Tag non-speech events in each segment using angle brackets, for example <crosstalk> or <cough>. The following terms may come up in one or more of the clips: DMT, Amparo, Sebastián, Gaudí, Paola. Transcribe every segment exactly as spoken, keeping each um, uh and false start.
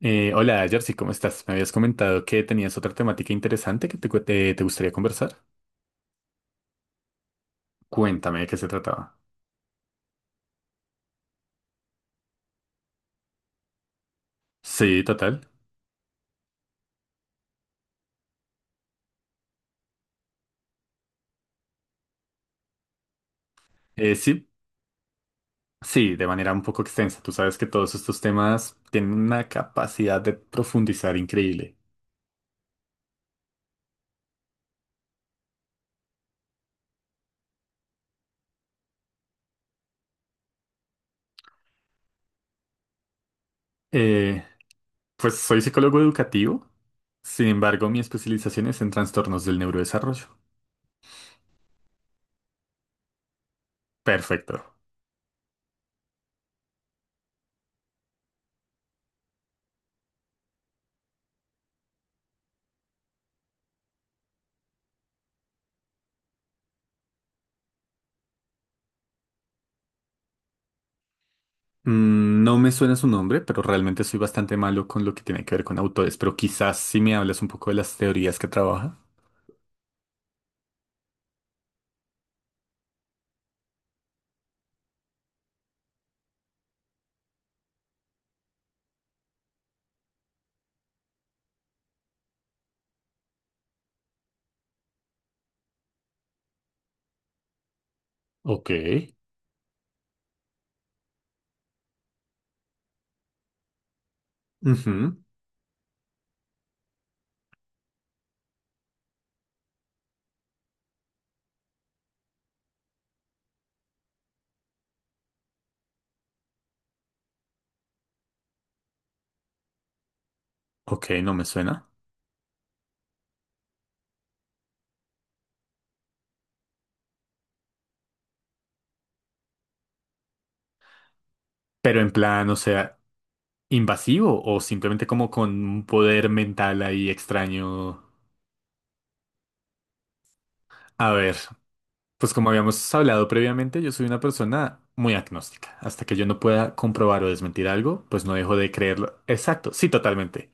Eh, hola, Jersey, ¿cómo estás? Me habías comentado que tenías otra temática interesante que te, cu- te, te gustaría conversar. Cuéntame de qué se trataba. Sí, total. Eh, sí, sí, de manera un poco extensa. Tú sabes que todos estos temas tienen una capacidad de profundizar increíble. Eh, pues soy psicólogo educativo, sin embargo, mi especialización es en trastornos del neurodesarrollo. Perfecto. Mm, No me suena su nombre, pero realmente soy bastante malo con lo que tiene que ver con autores, pero quizás si me hablas un poco de las teorías que trabaja. Ok. Ujú. Ok, no me suena. Pero en plan, o sea, invasivo o simplemente como con un poder mental ahí extraño. A ver, pues como habíamos hablado previamente, yo soy una persona muy agnóstica. Hasta que yo no pueda comprobar o desmentir algo, pues no dejo de creerlo. Exacto, sí, totalmente.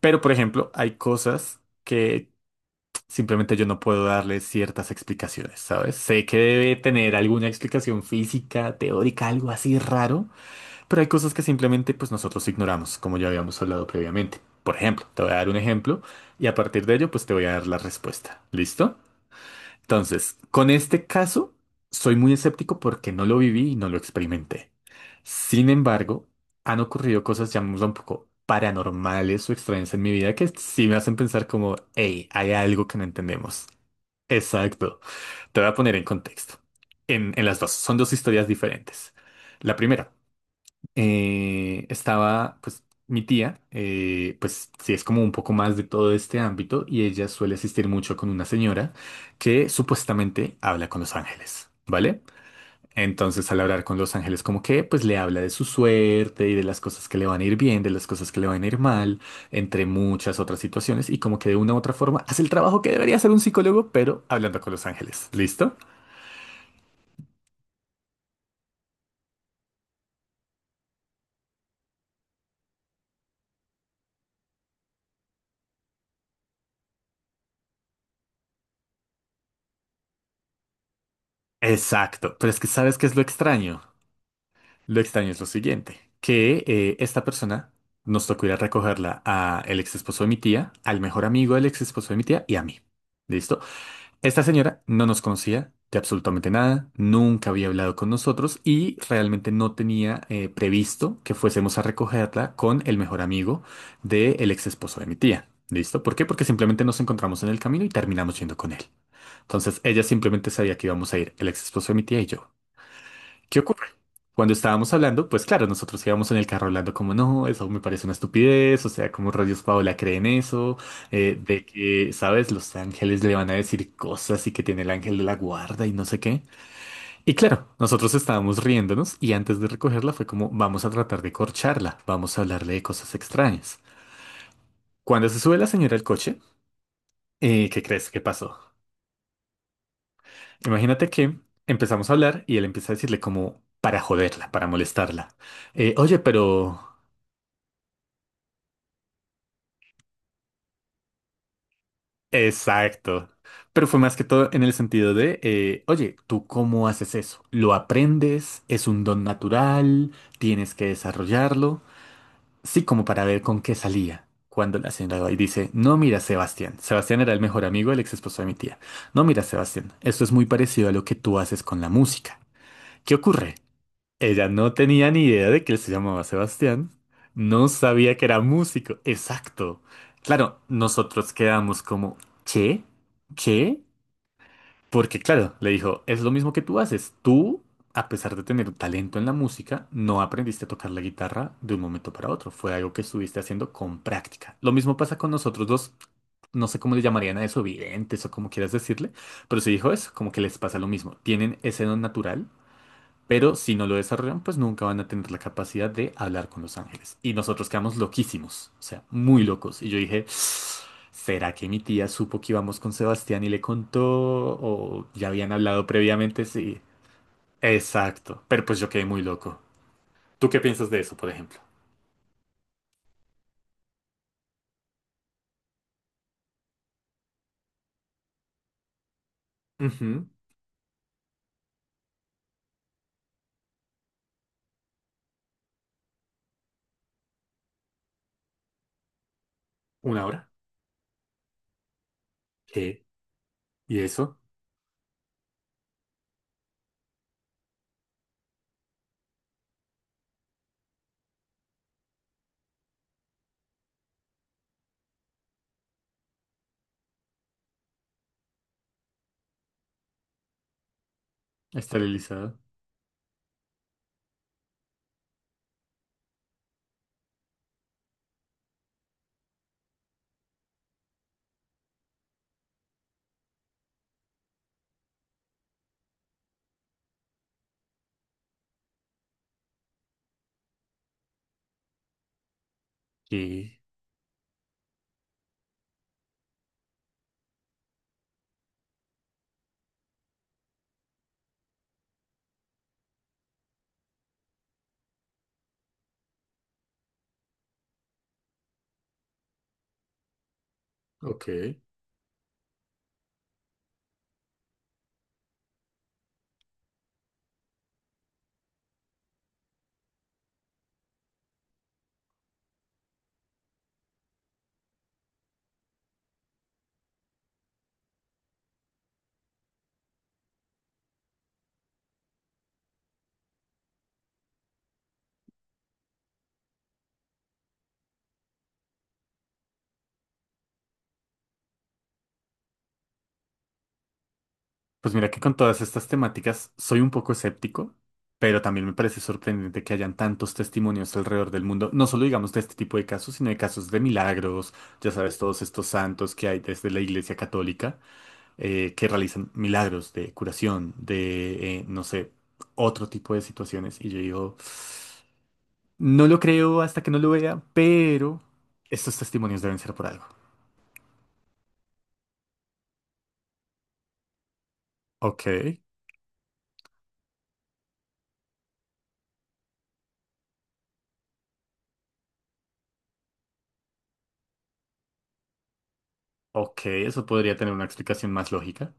Pero, por ejemplo, hay cosas que simplemente yo no puedo darle ciertas explicaciones, ¿sabes? Sé que debe tener alguna explicación física, teórica, algo así raro. Pero hay cosas que simplemente pues nosotros ignoramos, como ya habíamos hablado previamente. Por ejemplo, te voy a dar un ejemplo y a partir de ello pues te voy a dar la respuesta. ¿Listo? Entonces, con este caso soy muy escéptico porque no lo viví y no lo experimenté. Sin embargo, han ocurrido cosas, llamémoslo un poco paranormales o extrañas en mi vida que sí me hacen pensar como, hey, hay algo que no entendemos. Exacto. Te voy a poner en contexto. En, en las dos, son dos historias diferentes. La primera, eh, estaba, pues, mi tía, eh, pues, sí es como un poco más de todo este ámbito y ella suele asistir mucho con una señora que supuestamente habla con los ángeles, ¿vale? Entonces, al hablar con los ángeles, como que, pues, le habla de su suerte y de las cosas que le van a ir bien, de las cosas que le van a ir mal, entre muchas otras situaciones y como que de una u otra forma hace el trabajo que debería hacer un psicólogo, pero hablando con los ángeles, ¿listo? Exacto, pero es que ¿sabes qué es lo extraño? Lo extraño es lo siguiente, que eh, esta persona nos tocó ir a recogerla a el ex esposo de mi tía, al mejor amigo del ex esposo de mi tía y a mí. ¿Listo? Esta señora no nos conocía de absolutamente nada, nunca había hablado con nosotros y realmente no tenía eh, previsto que fuésemos a recogerla con el mejor amigo del ex esposo de mi tía. ¿Listo? ¿Por qué? Porque simplemente nos encontramos en el camino y terminamos yendo con él. Entonces ella simplemente sabía que íbamos a ir el ex esposo de mi tía y yo. ¿Qué ocurre? Cuando estábamos hablando, pues claro, nosotros íbamos en el carro hablando como no, eso me parece una estupidez, o sea, como rayos Paola cree en eso, eh, de que, ¿sabes? Los ángeles le van a decir cosas y que tiene el ángel de la guarda y no sé qué. Y claro, nosotros estábamos riéndonos y antes de recogerla fue como vamos a tratar de corcharla, vamos a hablarle de cosas extrañas. Cuando se sube la señora al coche, eh, ¿qué crees que pasó? Imagínate que empezamos a hablar y él empieza a decirle como para joderla, para molestarla. Eh, oye, pero... Exacto. Pero fue más que todo en el sentido de, eh, oye, ¿tú cómo haces eso? ¿Lo aprendes? ¿Es un don natural? ¿Tienes que desarrollarlo? Sí, como para ver con qué salía. Cuando la señora va y dice, no, mira, Sebastián. Sebastián era el mejor amigo del ex esposo de mi tía. No, mira, Sebastián, esto es muy parecido a lo que tú haces con la música. ¿Qué ocurre? Ella no tenía ni idea de que él se llamaba Sebastián. No sabía que era músico. Exacto. Claro, nosotros quedamos como, ¿qué? ¿Qué? Porque claro, le dijo, es lo mismo que tú haces. Tú, a pesar de tener talento en la música, no aprendiste a tocar la guitarra de un momento para otro. Fue algo que estuviste haciendo con práctica. Lo mismo pasa con nosotros dos. No sé cómo le llamarían a eso, videntes o como quieras decirle, pero se dijo eso, como que les pasa lo mismo. Tienen ese don natural pero si no lo desarrollan, pues nunca van a tener la capacidad de hablar con los ángeles. Y nosotros quedamos loquísimos, o sea, muy locos. Y yo dije, ¿será que mi tía supo que íbamos con Sebastián y le contó? ¿O ya habían hablado previamente? Sí, exacto. Pero pues yo quedé muy loco. ¿Tú qué piensas de eso, por ejemplo? Ujú. ¿Una hora? ¿Qué? ¿Y eso? ¿Está realizado? ¿Y? Ok. Pues mira que con todas estas temáticas soy un poco escéptico, pero también me parece sorprendente que hayan tantos testimonios alrededor del mundo, no solo digamos de este tipo de casos, sino de casos de milagros, ya sabes, todos estos santos que hay desde la Iglesia Católica eh, que realizan milagros de curación, de, eh, no sé, otro tipo de situaciones. Y yo digo, no lo creo hasta que no lo vea, pero estos testimonios deben ser por algo. Ok, ok, eso podría tener una explicación más lógica.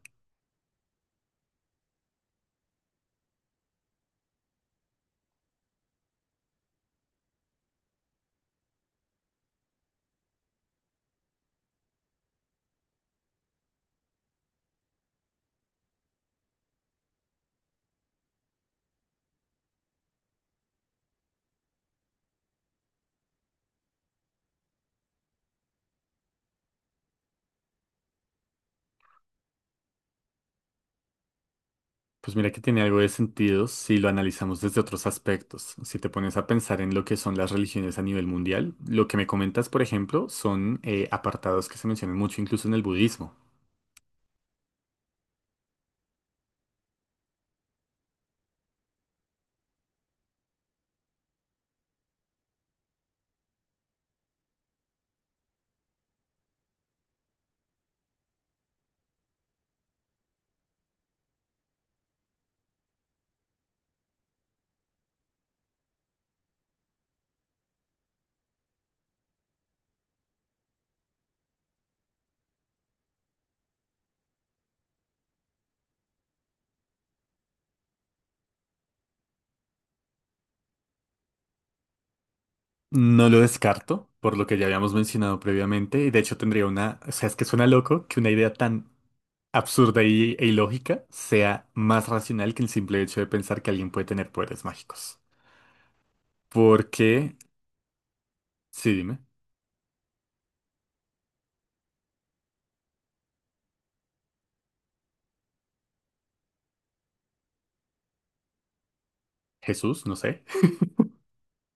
Pues mira que tiene algo de sentido si lo analizamos desde otros aspectos. Si te pones a pensar en lo que son las religiones a nivel mundial, lo que me comentas, por ejemplo, son eh, apartados que se mencionan mucho incluso en el budismo. No lo descarto, por lo que ya habíamos mencionado previamente, y de hecho tendría una, o sea, es que suena loco que una idea tan absurda y, e ilógica sea más racional que el simple hecho de pensar que alguien puede tener poderes mágicos. Porque, sí, dime, Jesús, no sé.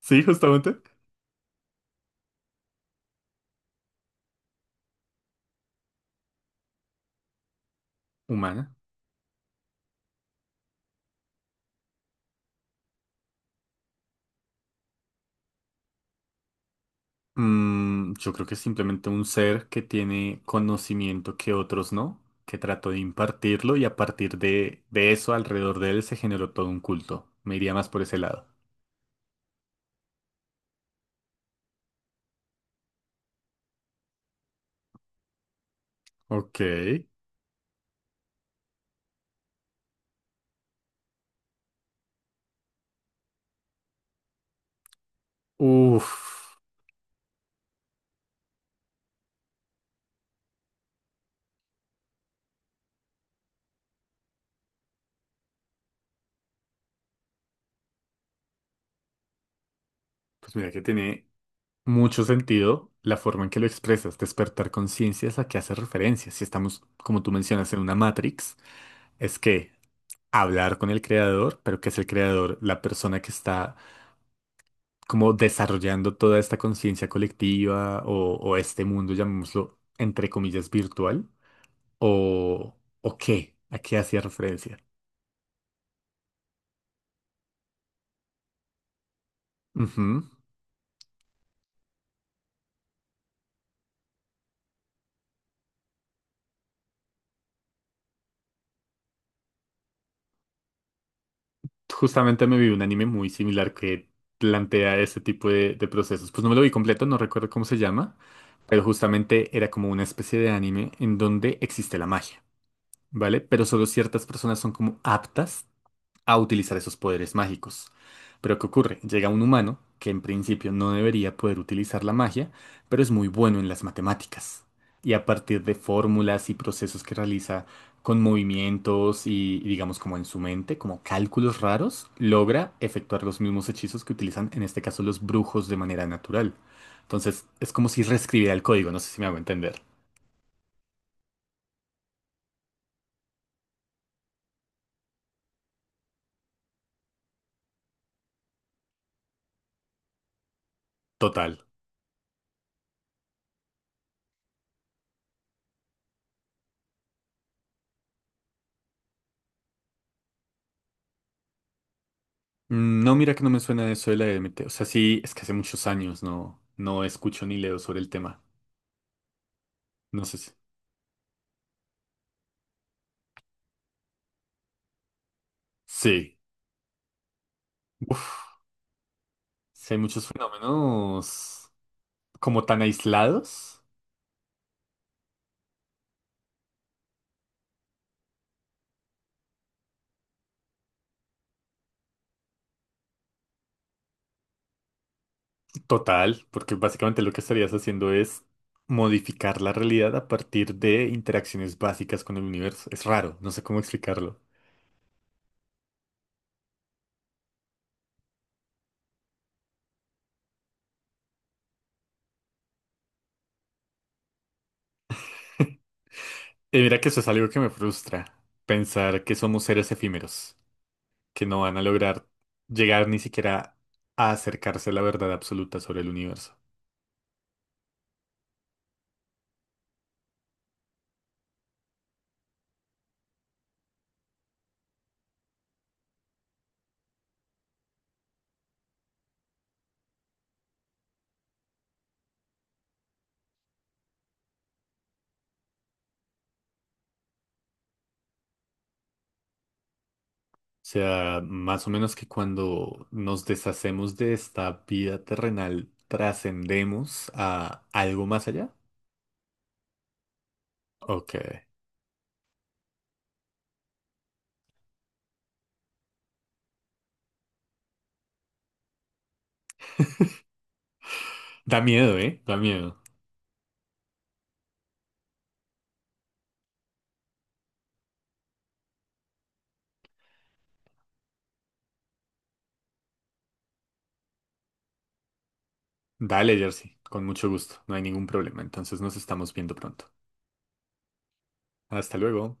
<laughs> Sí, justamente, humana. Mm, yo creo que es simplemente un ser que tiene conocimiento que otros no, que trató de impartirlo y a partir de, de eso alrededor de él se generó todo un culto. Me iría más por ese lado. Ok. Uf. Pues mira que tiene mucho sentido la forma en que lo expresas. Despertar conciencia es a que hace referencia. Si estamos, como tú mencionas, en una Matrix, es que hablar con el creador, pero que es el creador, la persona que está como desarrollando toda esta conciencia colectiva o, o este mundo, llamémoslo, entre comillas, ¿virtual? ¿O, o qué? ¿A qué hacía referencia? Ujú. Justamente me vi un anime muy similar que plantea ese tipo de, de procesos. Pues no me lo vi completo, no recuerdo cómo se llama, pero justamente era como una especie de anime en donde existe la magia, ¿vale? Pero solo ciertas personas son como aptas a utilizar esos poderes mágicos. Pero ¿qué ocurre? Llega un humano que en principio no debería poder utilizar la magia, pero es muy bueno en las matemáticas. Y a partir de fórmulas y procesos que realiza con movimientos y, y digamos como en su mente, como cálculos raros, logra efectuar los mismos hechizos que utilizan en este caso los brujos de manera natural. Entonces es como si reescribiera el código, no sé si me hago entender. Total. Mm, No, mira que no me suena eso de la D M T. O sea, sí, es que hace muchos años no, no escucho ni leo sobre el tema. No sé si... Sí. Uf, sí hay muchos fenómenos como tan aislados. Total, porque básicamente lo que estarías haciendo es modificar la realidad a partir de interacciones básicas con el universo. Es raro, no sé cómo explicarlo. Y mira que eso es algo que me frustra, pensar que somos seres efímeros. Que no van a lograr llegar ni siquiera a acercarse a la verdad absoluta sobre el universo. O sea, más o menos que cuando nos deshacemos de esta vida terrenal, trascendemos a algo más allá. Ok. Da miedo, ¿eh? Da miedo. Dale, Jersey, con mucho gusto. No hay ningún problema. Entonces nos estamos viendo pronto. Hasta luego.